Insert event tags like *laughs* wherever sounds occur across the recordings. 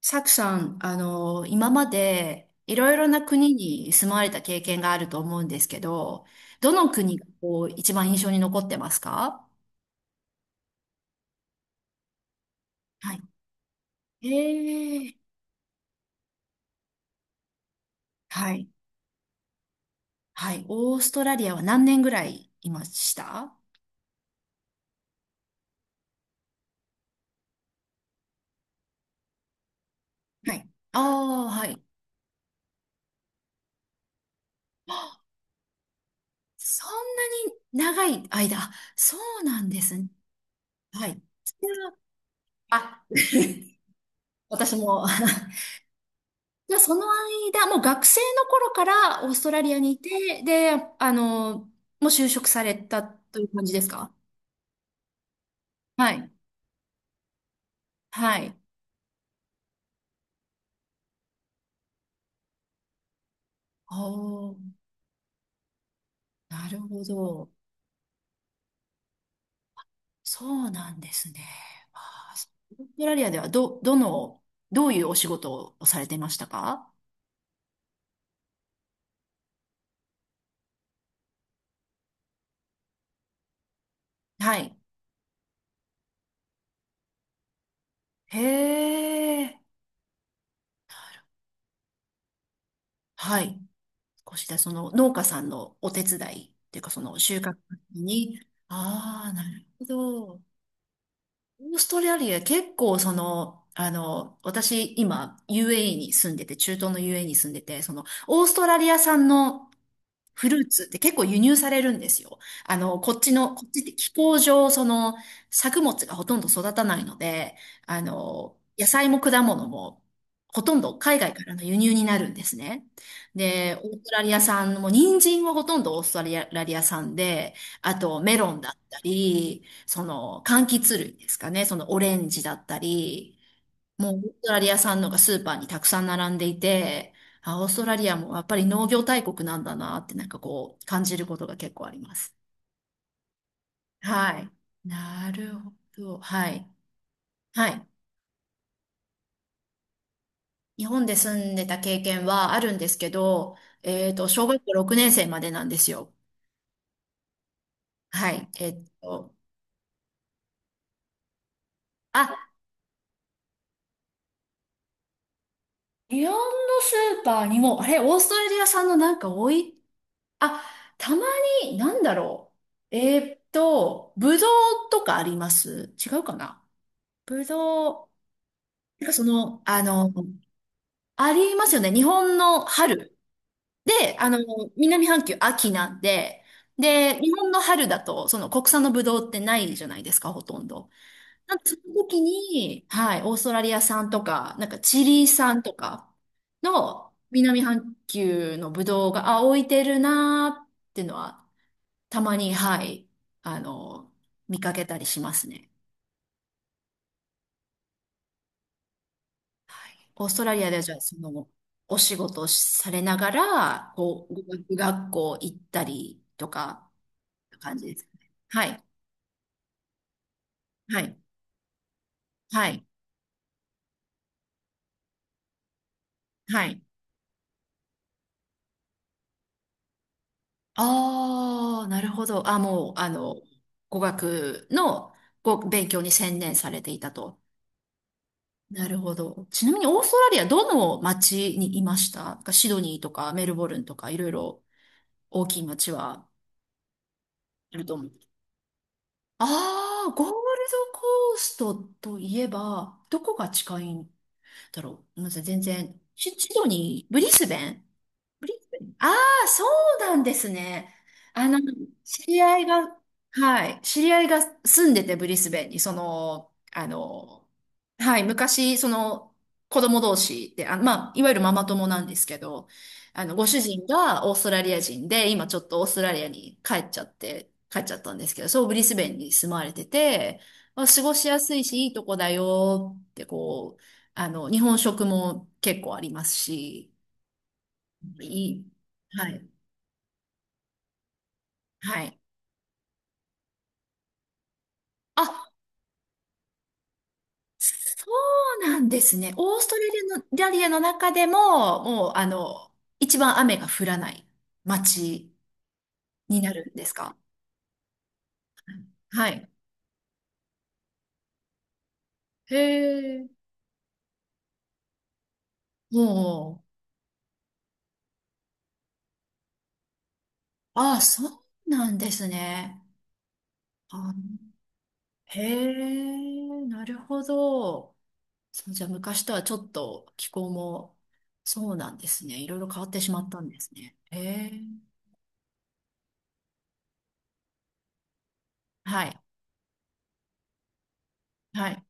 サクさん、今までいろいろな国に住まわれた経験があると思うんですけど、どの国がこう一番印象に残ってますか？はい。ええはい。はい。オーストラリアは何年ぐらいいました？はい。ああ、はい。そんなに長い間。そうなんですね。はい。それはあ、*laughs* 私も *laughs* じゃあ、その間、もう学生の頃からオーストラリアにいて、で、もう就職されたという感じですか？はい。はい。おー、なるほど。そうなんですね。あーオーストラリアではど、どの、どういうお仕事をされてましたか？はい。へえ。はい。少しだ、その農家さんのお手伝いっていうか、その収穫に。ああ、なるほど。オーストラリア結構その、私今 UAE に住んでて、中東の UAE に住んでて、その、オーストラリア産のフルーツって結構輸入されるんですよ。こっちの、こっちって気候上、その、作物がほとんど育たないので、野菜も果物も、ほとんど海外からの輸入になるんですね。で、オーストラリア産も、人参はほとんどオーストラリア産で、あとメロンだったり、その、柑橘類ですかね、そのオレンジだったり、もうオーストラリア産のがスーパーにたくさん並んでいて、あ、オーストラリアもやっぱり農業大国なんだなってなんかこう感じることが結構あります。はい。なるほど。はい。はい。日本で住んでた経験はあるんですけど、小学校6年生までなんですよ。はい。あ、日本のスーパーにも、あれ、オーストラリア産のなんか多い、あ、たまに、なんだろう。ぶどうとかあります違うかな？ぶどう、なんかその、ありますよね。日本の春。で、南半球秋なんで、で、日本の春だと、その国産のブドウってないじゃないですか、ほとんど。なんかその時に、はい、オーストラリア産とか、なんかチリ産とかの南半球のブドウが、あ、置いてるなーっていうのは、たまに、はい、あの、見かけたりしますね。オーストラリアではじゃあそのお仕事をされながら、こう、語学学校行ったりとか、感じですかね？はい、はい、はい、はい。ああ、なるほど。あ、もう、語学のご勉強に専念されていたと。なるほど。ちなみにオーストラリアどの町にいましたか？シドニーとかメルボルンとかいろいろ大きい町はあると思う。ああ、ゴールドコーストといえば、どこが近いだろう。ごめんなさい、全然。シドニー、ブリスベンああー、そうなんですね。あの、知り合いが、はい、知り合いが住んでて、ブリスベンに、その、はい、昔、その、子供同士で、あ、まあ、いわゆるママ友なんですけど、ご主人がオーストラリア人で、今ちょっとオーストラリアに帰っちゃって、帰っちゃったんですけど、そう、ブリスベンに住まわれてて、まあ、過ごしやすいし、いいとこだよって、こう、日本食も結構ありますし、いい。はい。はい。あ、そうなんですね。オーストラリアの、中でも、もう、一番雨が降らない街になるんですか？はい。へえ。もう、あ、そうなんですね。あ、へえ、なるほど。そう、じゃあ昔とはちょっと気候も、そうなんですね。いろいろ変わってしまったんですね。へえ。はい。はい。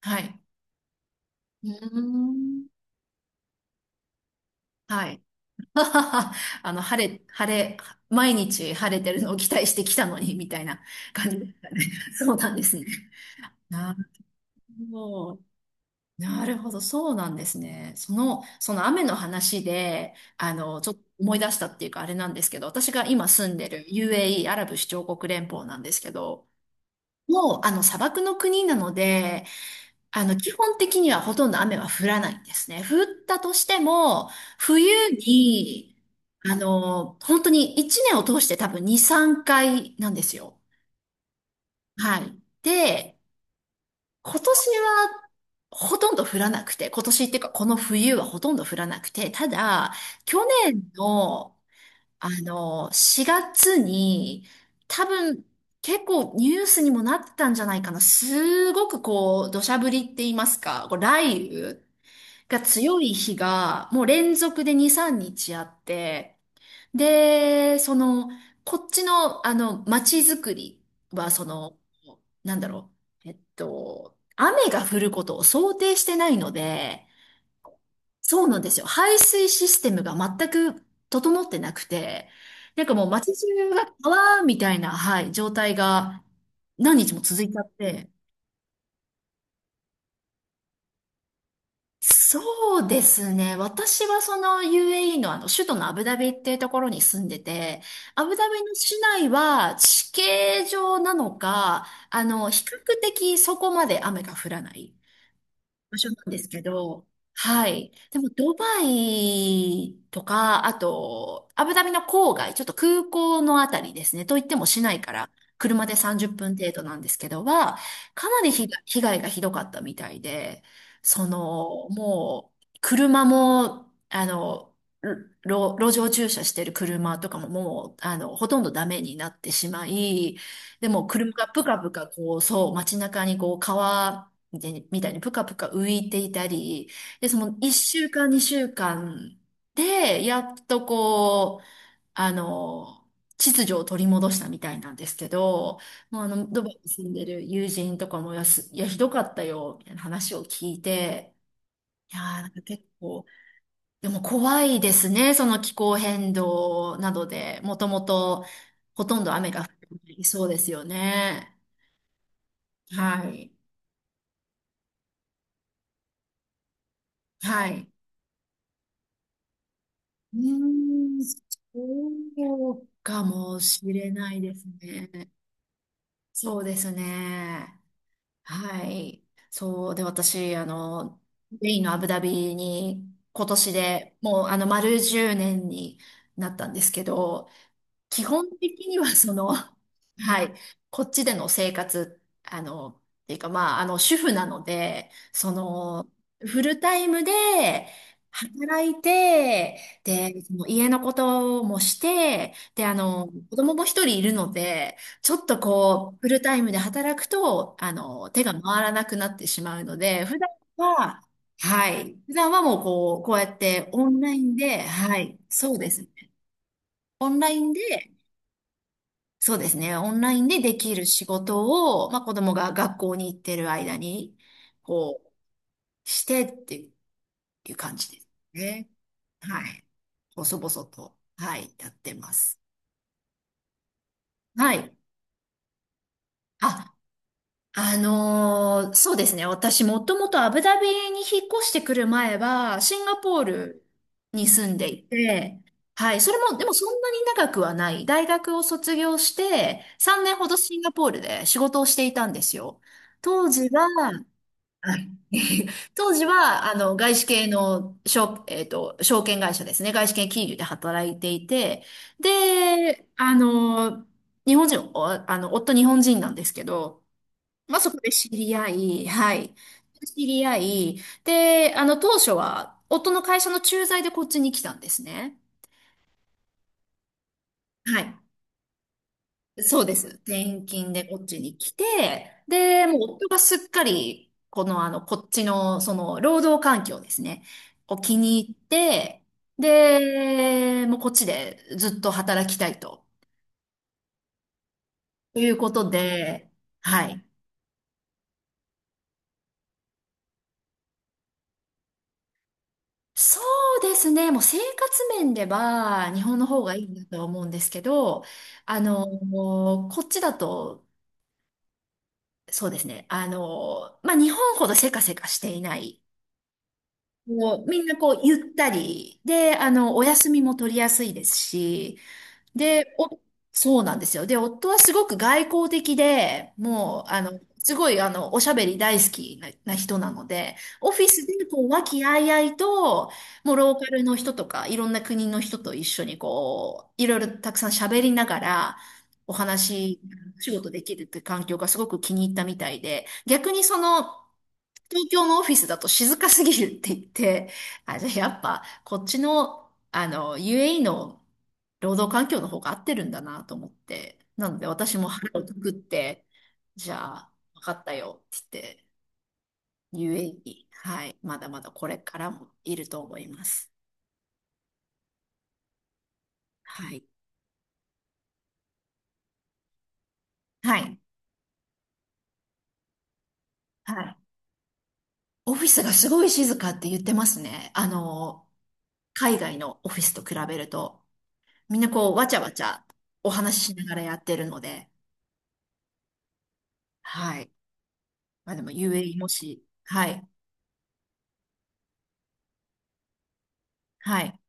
はい。*laughs* うーん。はい。*laughs* 晴れ、晴れ、毎日晴れてるのを期待してきたのに、みたいな感じでしたね。*laughs* そうなんですね。*laughs* なるほど。なるほど。そうなんですね。その雨の話で、ちょっと思い出したっていうか、あれなんですけど、私が今住んでる UAE、アラブ首長国連邦なんですけど、もう、砂漠の国なので、基本的にはほとんど雨は降らないんですね。降ったとしても、冬に、本当に1年を通して多分2、3回なんですよ。はい。で、今年はほとんど降らなくて、今年っていうかこの冬はほとんど降らなくて、ただ、去年の、4月に、多分、結構ニュースにもなってたんじゃないかな。すごくこう、土砂降りって言いますか、こう雷雨が強い日がもう連続で2、3日あって、で、その、こっちの、街づくりは、その、なんだろう、雨が降ることを想定してないので、そうなんですよ。排水システムが全く整ってなくて、なんかもう街中が川みたいな、はい、状態が何日も続いちゃって、そうですね。私はその UAE のあの首都のアブダビっていうところに住んでて、アブダビの市内は地形上なのか、比較的そこまで雨が降らない場所なんですけど、はい。でも、ドバイとか、あと、アブダビの郊外、ちょっと空港のあたりですね。といっても市内から車で30分程度なんですけどは、かなり被害がひどかったみたいで、その、もう、車も、路上駐車してる車とかももう、ほとんどダメになってしまい、でも車がブカブカこう、そう、街中にこう、川、でみたいにぷかぷか浮いていたり、で、その1週間、2週間で、やっとこう、あの、秩序を取り戻したみたいなんですけど、もうドバイに住んでる友人とかもいや、ひどかったよ、みたいな話を聞いて、いやー、なんか結構、でも怖いですね、その気候変動などで、もともとほとんど雨が降っていそうですよね。はい。はい。うーん、そうかもしれないですね。そうですね。はい。そう。で、私、スペインのアブダビに今年でもう、丸10年になったんですけど、基本的にはその、*laughs* はい、こっちでの生活、っていうかまあ、主婦なので、その、フルタイムで働いて、で、その家のこともして、で、子供も一人いるので、ちょっとこう、フルタイムで働くと、手が回らなくなってしまうので、普段は、はい。普段はもうこう、こうやってオンラインで、はい。そうですね。オンラインでそうですね。オンラインでできる仕事を、まあ、子供が学校に行ってる間に、こう、してっていう感じですね。はい。細々と、はい、やってます。はい。あ、そうですね。私、もともとアブダビに引っ越してくる前は、シンガポールに住んでいて、はい。それも、でもそんなに長くはない。大学を卒業して、3年ほどシンガポールで仕事をしていたんですよ。当時は、はい *laughs* 当時は、外資系の、証えっと、証券会社ですね。外資系金融で働いていて、で、日本人、おあの、夫日本人なんですけど、まあ、そこで知り合い、はい。知り合い、で、当初は、夫の会社の駐在でこっちに来たんですね。はい。そうです。転勤でこっちに来て、で、もう夫がすっかり、この、こっちの、その、労働環境ですね、を気に入って、で、もうこっちでずっと働きたいと、ということで、はい。そうですね。もう生活面では日本の方がいいなとは思うんですけど、あの、こっちだと、そうですね。まあ、日本ほどせかせかしていない。もうみんなこうゆったりで、お休みも取りやすいですし、で、そうなんですよ。で、夫はすごく外交的で、もう、すごい、おしゃべり大好きな人なので、オフィスで、こう、和気あいあいと、もう、ローカルの人とか、いろんな国の人と一緒に、こう、いろいろたくさん喋りながら、お話、仕事できるって環境がすごく気に入ったみたいで、逆にその、東京のオフィスだと静かすぎるって言って、あ、じゃあやっぱこっちの、UAE の労働環境の方が合ってるんだなと思って、なので私も腹をくくって、じゃあ、分かったよって言って、UAE、はい、まだまだこれからもいると思います。はい。はい。はい。オフィスがすごい静かって言ってますね。海外のオフィスと比べると、みんなこう、わちゃわちゃお話ししながらやってるので、はい。まあでも UAE もし、はい、はい。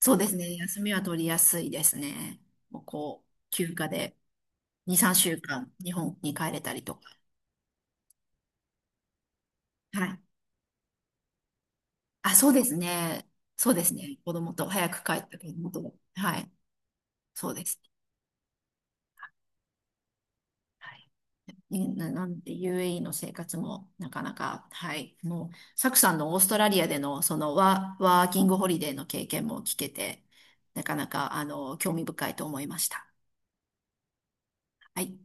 そうですね。休みは取りやすいですね。もうこう、休暇で2、3週間日本に帰れたりとか。はい。あ、そうですね。そうですね。子供と、早く帰った子供と。はい。そうです。はい。なんで UAE の生活もなかなか、はい。もう、サクさんのオーストラリアでのそのワーキングホリデーの経験も聞けて、なかなか、興味深いと思いました。はい。